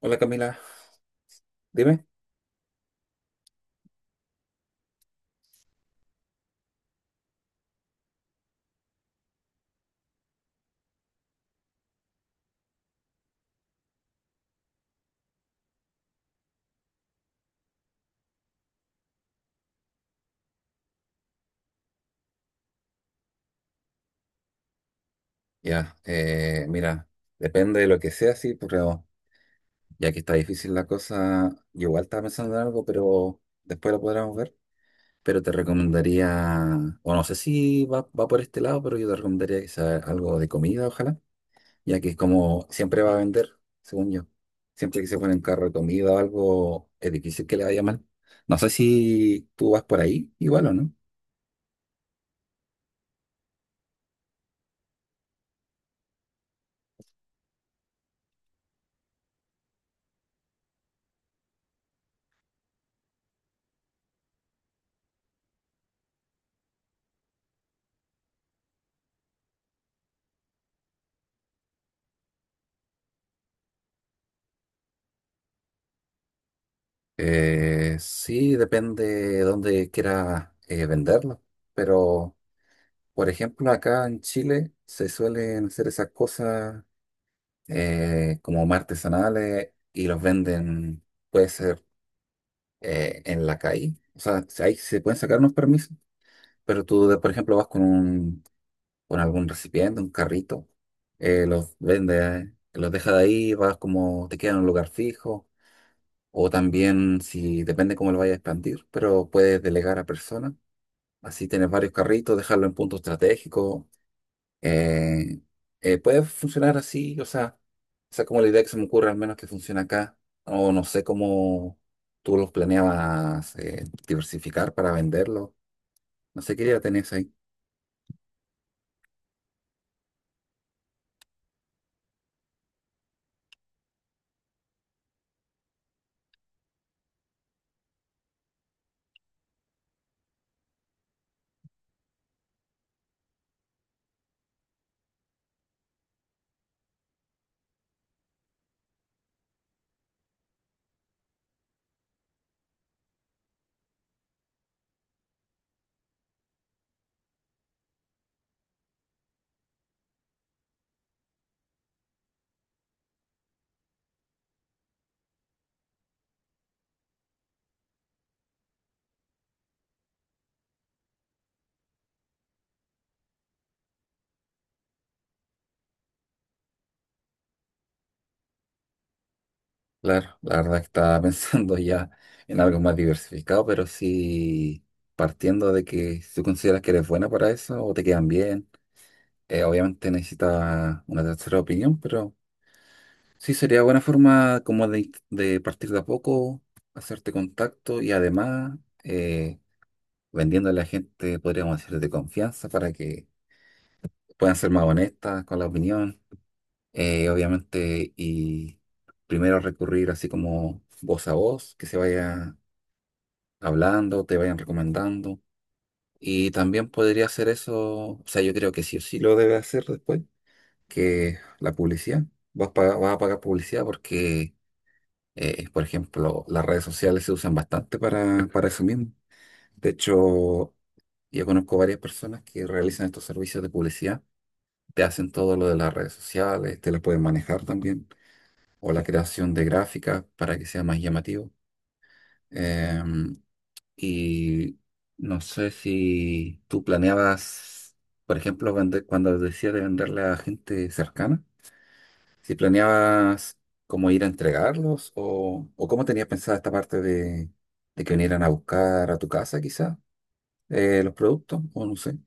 Hola Camila, dime. Ya, mira, depende de lo que sea, sí, pero ya que está difícil la cosa, yo igual estaba pensando en algo, pero después lo podremos ver. Pero te recomendaría, o no sé si va por este lado, pero yo te recomendaría que sea algo de comida, ojalá, ya que es como siempre va a vender, según yo. Siempre que se pone en carro de comida o algo, es difícil que le vaya mal. No sé si tú vas por ahí, igual o no. Sí, depende de dónde quiera venderlo, pero por ejemplo acá en Chile se suelen hacer esas cosas como artesanales y los venden, puede ser en la calle, o sea, si ahí se pueden sacar unos permisos, pero tú, por ejemplo, vas con con algún recipiente, un carrito, los vendes, los dejas de ahí, vas como te queda en un lugar fijo. O también, si depende cómo lo vayas a expandir, pero puedes delegar a personas. Así tienes varios carritos, dejarlo en punto estratégico. eh, Puede funcionar así, o sea, esa es como la idea que se me ocurre, al menos que funciona acá. O no sé cómo tú los planeabas diversificar para venderlo. No sé qué idea tenés ahí. Claro, la verdad que estaba pensando ya en algo más diversificado, pero sí partiendo de que si tú consideras que eres buena para eso o te quedan bien. Obviamente necesita una tercera opinión, pero sí sería buena forma como de partir de a poco, hacerte contacto y además eh, vendiendo a la gente, podríamos decir, de confianza para que puedan ser más honestas con la opinión. Obviamente, y primero recurrir así como voz a voz, que se vaya hablando, te vayan recomendando. Y también podría hacer eso, o sea, yo creo que sí o sí lo debe hacer después que la publicidad. Vas a pagar publicidad porque, por ejemplo, las redes sociales se usan bastante para eso mismo. De hecho, yo conozco varias personas que realizan estos servicios de publicidad. Te hacen todo lo de las redes sociales, te las pueden manejar también, o la creación de gráficas para que sea más llamativo. Em, y no sé si tú planeabas, por ejemplo, vender, cuando decías de venderle a gente cercana. Si planeabas cómo ir a entregarlos o cómo tenías pensada esta parte de que vinieran a buscar a tu casa, quizá, los productos, o no sé.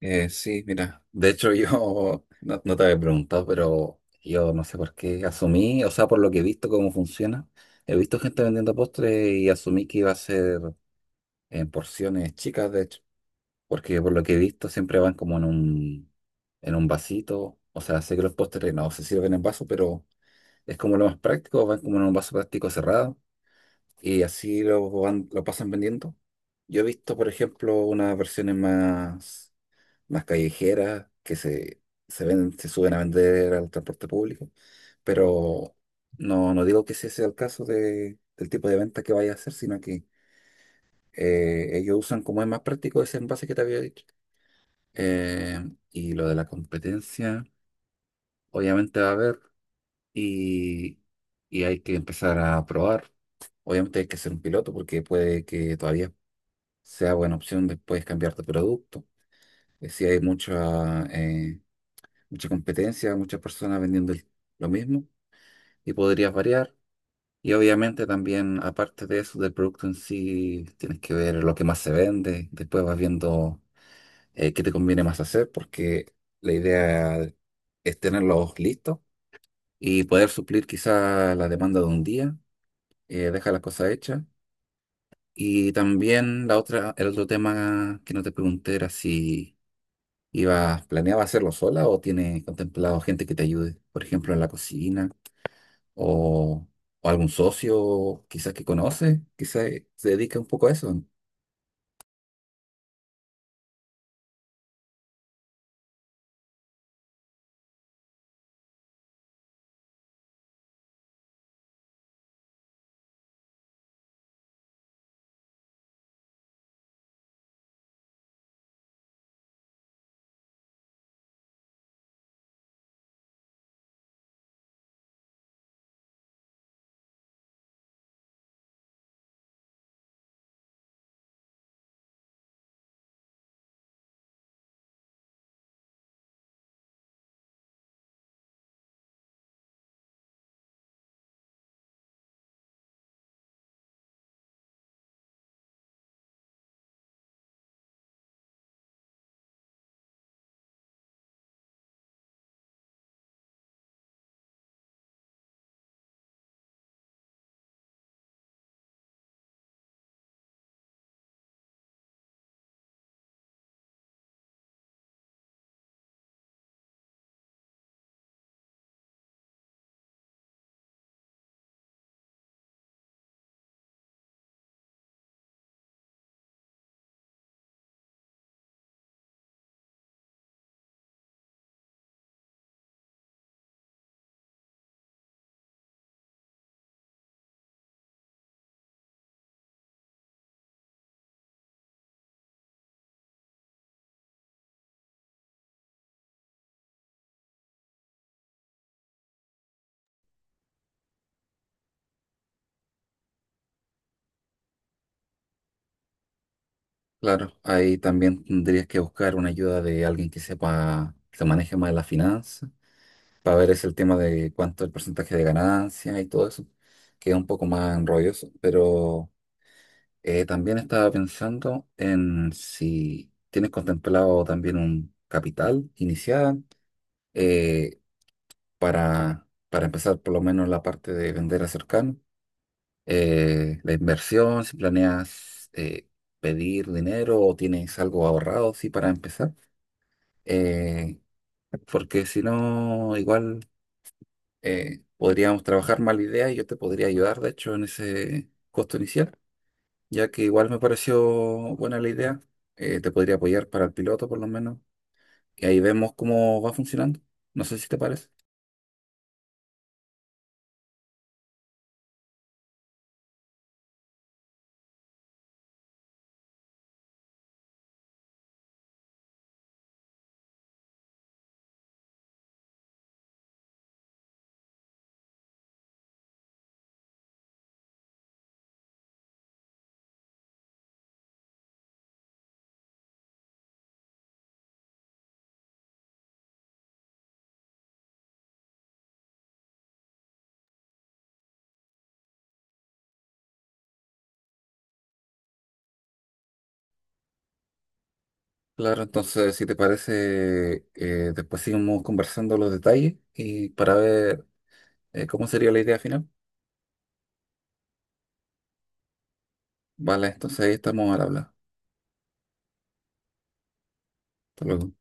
Sí, mira, de hecho yo no te había preguntado, pero yo no sé por qué asumí, o sea, por lo que he visto cómo funciona, he visto gente vendiendo postres y asumí que iba a ser en porciones chicas, de hecho, porque por lo que he visto siempre van como en en un vasito, o sea, sé que los postres no se sirven en vaso, pero es como lo más práctico, van como en un vaso plástico cerrado y así lo, van, lo pasan vendiendo. Yo he visto, por ejemplo, unas versiones más callejeras se ven, se suben a vender al transporte público, pero no digo que ese sea el caso del tipo de venta que vaya a hacer, sino que ellos usan como es más práctico ese envase que te había dicho. Eh, y lo de la competencia, obviamente va a haber y, y hay que empezar a probar. Obviamente hay que ser un piloto porque puede que todavía sea buena opción después cambiar de producto. Si hay mucha competencia, muchas personas vendiendo lo mismo y podrías variar. Y obviamente también, aparte de eso, del producto en sí, tienes que ver lo que más se vende. Después vas viendo qué te conviene más hacer porque la idea es tenerlos listos y poder suplir quizá la demanda de un día. Deja las cosas hechas. Y también la otra, el otro tema que no te pregunté era si ibas, planeabas hacerlo sola o tiene contemplado gente que te ayude, por ejemplo, en la cocina o, o algún socio quizás que conoce, quizás se dedica un poco a eso. Claro, ahí también tendrías que buscar una ayuda de alguien que sepa, que se maneje más las finanzas, para ver es el tema de cuánto el porcentaje de ganancia y todo eso, que es un poco más enrolloso, pero... También estaba pensando en si tienes contemplado también un capital inicial eh, para empezar por lo menos la parte de vender a cercano, la inversión, si planeas pedir dinero o tienes algo ahorrado, sí, para empezar, eh, porque si no, igual podríamos trabajar más la idea y yo te podría ayudar, de hecho, en ese costo inicial. Ya que igual me pareció buena la idea. Te podría apoyar para el piloto, por lo menos. Y ahí vemos cómo va funcionando. No sé si te parece. Claro, entonces, si te parece, después seguimos conversando los detalles y para ver cómo sería la idea final. Vale, entonces ahí estamos al habla. Hasta luego.